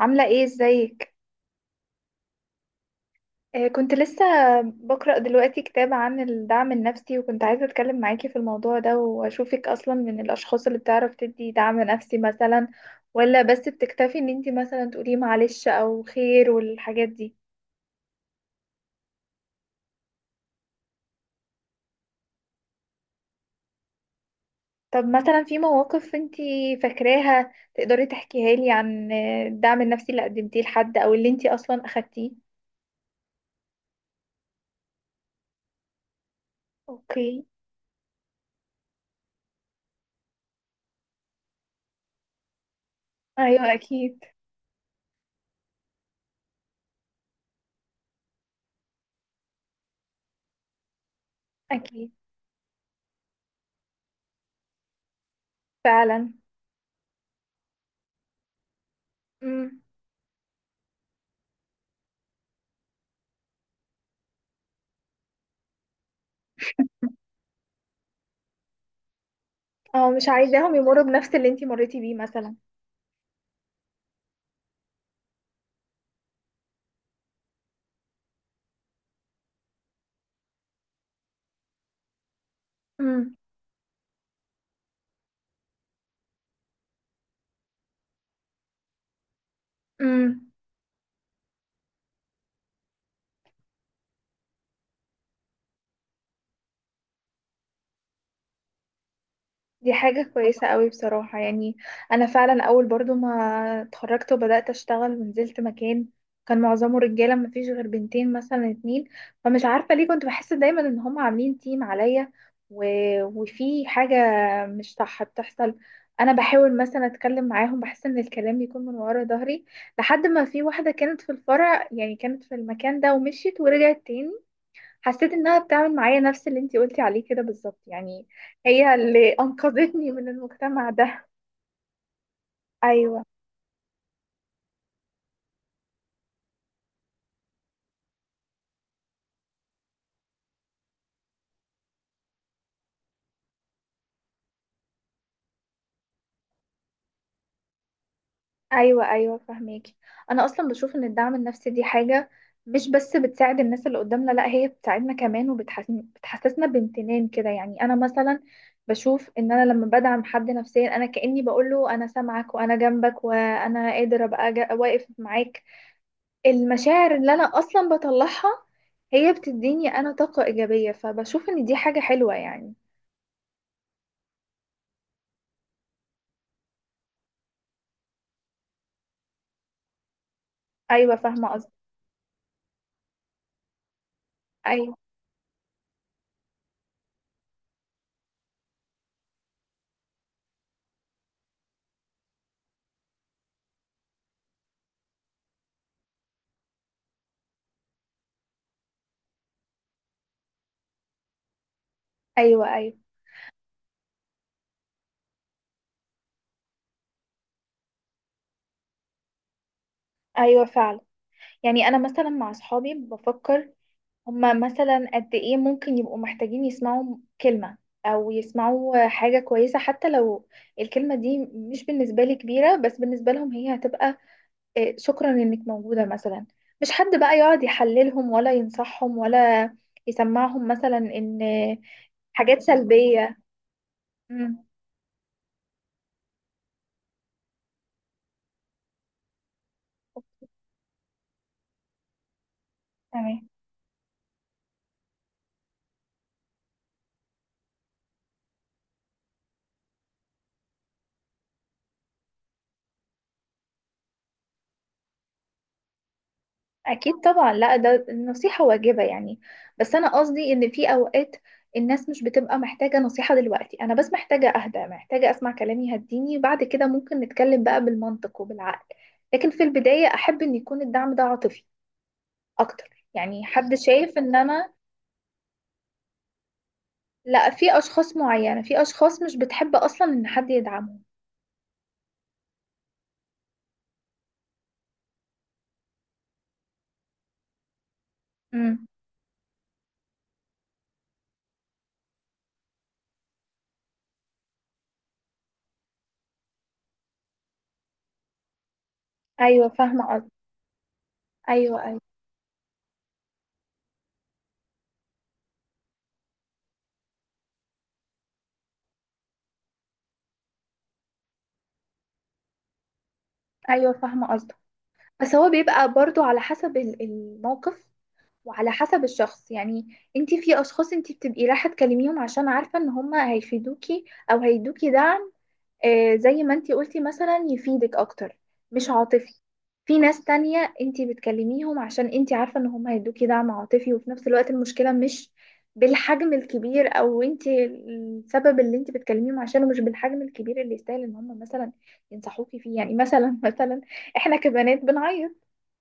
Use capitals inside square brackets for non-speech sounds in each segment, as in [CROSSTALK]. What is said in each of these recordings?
عاملة ايه؟ ازيك؟ آه، كنت لسه بقرأ دلوقتي كتاب عن الدعم النفسي، وكنت عايزة اتكلم معاكي في الموضوع ده، واشوفك اصلا من الاشخاص اللي بتعرف تدي دعم نفسي مثلا، ولا بس بتكتفي ان انتي مثلا تقولي معلش او خير والحاجات دي؟ طب مثلا في مواقف انتي فاكراها تقدري تحكيها لي عن الدعم النفسي اللي قدمتيه لحد او اللي انتي اصلا اخدتيه؟ اوكي. ايوه، اكيد. اكيد، فعلا. امم. اه، مش عايزاهم يمروا بنفس اللي انتي مريتي بيه مثلا. امم. امم. دي حاجة كويسة قوي بصراحة يعني. أنا فعلا أول برضو ما اتخرجت وبدأت أشتغل ونزلت مكان كان معظمه رجالة، ما فيش غير بنتين مثلا اتنين، فمش عارفة ليه كنت بحس دايما إن هم عاملين تيم عليا. و... وفي حاجة مش صح بتحصل. أنا بحاول مثلا أتكلم معاهم، بحس إن الكلام بيكون من ورا ظهري. لحد ما في واحدة كانت في الفرع، يعني كانت في المكان ده ومشيت ورجعت تاني، حسيت انها بتعمل معايا نفس اللي انتي قلتي عليه كده بالظبط يعني. هي اللي [LAUGHS] انقذتني من المجتمع ده. ايوه، ايوه. ايوه، فهماكي. انا اصلا بشوف ان الدعم النفسي دي حاجه مش بس بتساعد الناس اللي قدامنا، لا، هي بتساعدنا كمان وبتحسسنا بامتنان كده، يعني انا مثلا بشوف ان انا لما بدعم حد نفسيا انا كاني بقول له انا سامعك وانا جنبك وانا قادر ابقى واقف معاك. المشاعر اللي انا اصلا بطلعها هي بتديني انا طاقة ايجابية، فبشوف ان دي حاجة حلوة يعني. ايوه، فاهمة قصدي. ايوه، ايوه. ايوه، ايوه، فعلا. يعني انا مثلا مع اصحابي بفكر هما مثلا قد ايه ممكن يبقوا محتاجين يسمعوا كلمة او يسمعوا حاجة كويسة، حتى لو الكلمة دي مش بالنسبة لي كبيرة بس بالنسبة لهم هي هتبقى إيه، شكرا انك موجودة مثلا، مش حد بقى يقعد يحللهم ولا ينصحهم ولا يسمعهم مثلا ان حاجات سلبية. امم. تمام. اكيد، طبعا. لا، ده النصيحة واجبة يعني. بس انا قصدي ان في اوقات الناس مش بتبقى محتاجة نصيحة، دلوقتي انا بس محتاجة اهدى، محتاجة اسمع كلام يهديني، بعد كده ممكن نتكلم بقى بالمنطق وبالعقل. لكن في البداية احب ان يكون الدعم ده عاطفي اكتر، يعني حد شايف ان انا. لا، في اشخاص معينة، في اشخاص مش بتحب اصلا ان حد يدعمهم. امم. ايوه، فاهمة قصدك. ايوه، ايوه. ايوه، فاهمة قصدك. بس هو بيبقى برضو على حسب الموقف، وعلى حسب الشخص يعني. انتي في اشخاص انتي بتبقي رايحة تكلميهم عشان عارفة ان هما هيفيدوكي او هيدوكي دعم زي ما انتي قلتي مثلا، يفيدك اكتر مش عاطفي. في ناس تانية انتي بتكلميهم عشان انتي عارفة ان هم هيدوكي دعم عاطفي، وفي نفس الوقت المشكلة مش بالحجم الكبير، او انتي السبب اللي انتي بتكلميهم عشانه مش بالحجم الكبير اللي يستاهل ان هم مثلا ينصحوكي فيه، يعني مثلا [LAUGHS] مثلا احنا كبنات بنعيط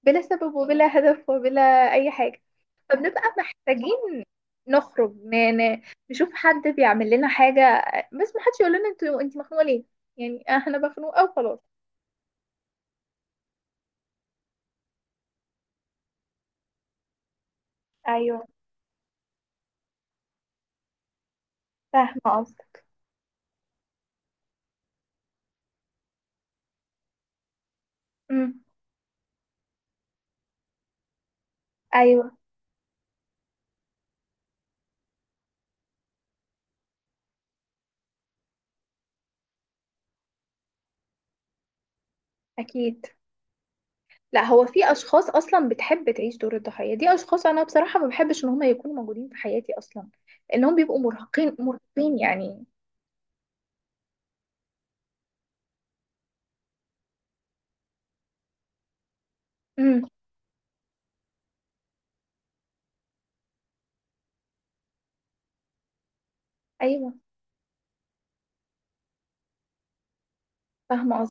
بلا سبب وبلا هدف وبلا اي حاجة، فبنبقى محتاجين نخرج نشوف حد بيعمل لنا حاجة، بس ما حدش يقول لنا انتوا انت مخنوقة ليه، يعني [LAUGHS] احنا مخنوقة وخلاص. ايوه، فاهمه قصدك. امم. ايوه، اكيد. لا، هو في اشخاص اصلا بتحب تعيش دور الضحيه دي، اشخاص انا بصراحه ما بحبش ان هم يكونوا موجودين في حياتي اصلا، لانهم بيبقوا مرهقين مرهقين يعني. امم. ايوه، فاهمه.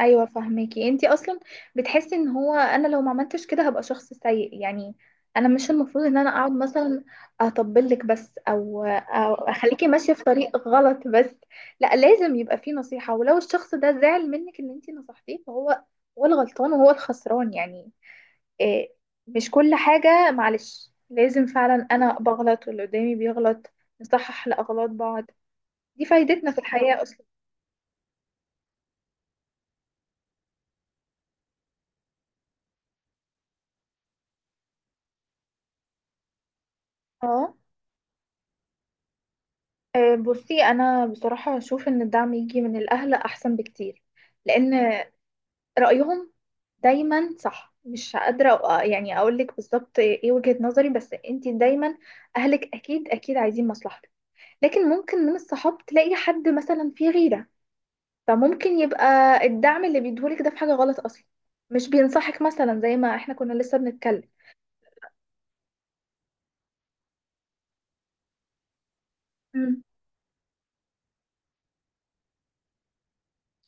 ايوه، فهماكي. انتي اصلا بتحسي ان هو انا لو ما عملتش كده هبقى شخص سيء يعني. انا مش المفروض ان انا اقعد مثلا اطبلك بس او اخليكي ماشيه في طريق غلط بس. لا، لازم يبقى فيه نصيحه، ولو الشخص ده زعل منك ان انتي نصحتيه فهو الغلطان وهو الخسران يعني. إيه، مش كل حاجه معلش، لازم فعلا انا بغلط واللي قدامي بيغلط نصحح لاغلاط بعض، دي فايدتنا في الحياه اصلا. اه. أه، بصي، انا بصراحه اشوف ان الدعم يجي من الاهل احسن بكتير، لان رايهم دايما صح. مش قادره يعني اقول لك بالظبط ايه وجهه نظري، بس انت دايما اهلك اكيد اكيد عايزين مصلحتك. لكن ممكن من الصحاب تلاقي حد مثلا فيه غيره، فممكن يبقى الدعم اللي بيديهولك ده في حاجه غلط اصلا، مش بينصحك مثلا زي ما احنا كنا لسه بنتكلم. مم.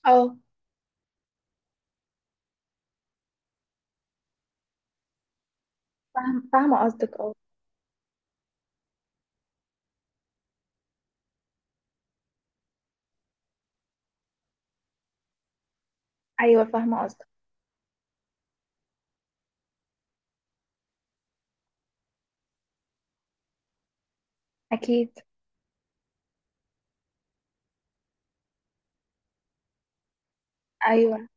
اه، فاهمه قصدك، اه. ايوه، فاهمه قصدك. اكيد. ايوه.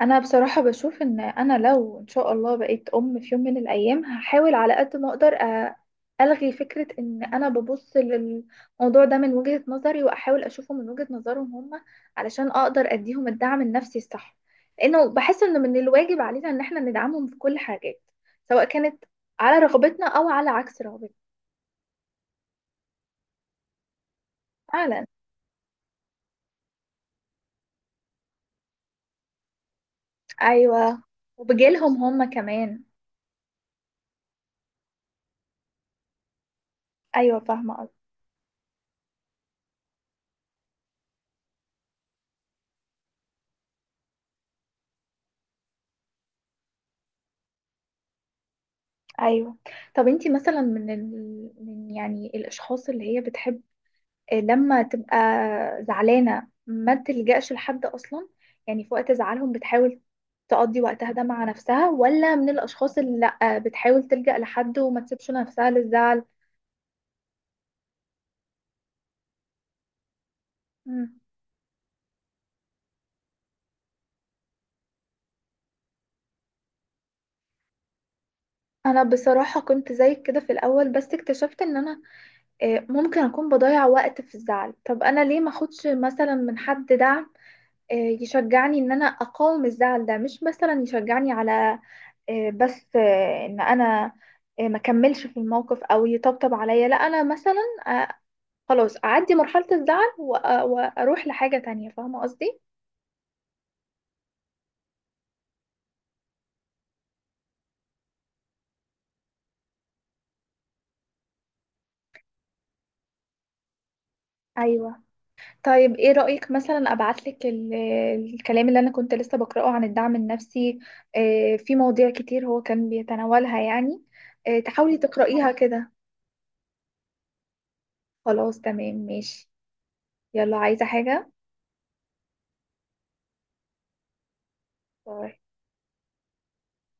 انا بصراحة بشوف ان انا لو ان شاء الله بقيت ام في يوم من الايام، هحاول على قد ما اقدر الغي فكرة ان انا ببص للموضوع ده من وجهة نظري واحاول اشوفه من وجهة نظرهم هم، علشان اقدر اديهم الدعم النفسي الصح، لانه بحس ان من الواجب علينا ان احنا ندعمهم في كل حاجات، سواء كانت على رغبتنا او على عكس رغبتنا. فعلا. ايوه. وبجيلهم هم كمان. ايوه، فاهمة قصدك. ايوه. طب انتي مثلا من يعني الاشخاص اللي هي بتحب لما تبقى زعلانه ما تلجأش لحد اصلا؟ يعني في وقت زعلهم بتحاول تقضي وقتها ده مع نفسها، ولا من الاشخاص اللي لا بتحاول تلجأ لحد وما تسيبش نفسها للزعل؟ مم. انا بصراحه كنت زيك كده في الاول، بس اكتشفت ان انا ممكن اكون بضيع وقت في الزعل. طب انا ليه ما اخدش مثلا من حد دعم آه، يشجعني ان انا اقاوم الزعل ده، مش مثلا يشجعني على بس ان انا ما كملش في الموقف او يطبطب عليا. لا، انا مثلا آه، خلاص اعدي مرحلة الزعل واروح لحاجة تانية، فاهمة قصدي؟ ايوه. طيب ايه رأيك مثلا ابعتلك الكلام اللي انا كنت لسه بقرأه عن الدعم النفسي؟ في مواضيع كتير هو كان بيتناولها يعني، تحاولي تقرأيها كده. خلاص، تمام، ماشي. يلا، عايزة حاجة؟ باي.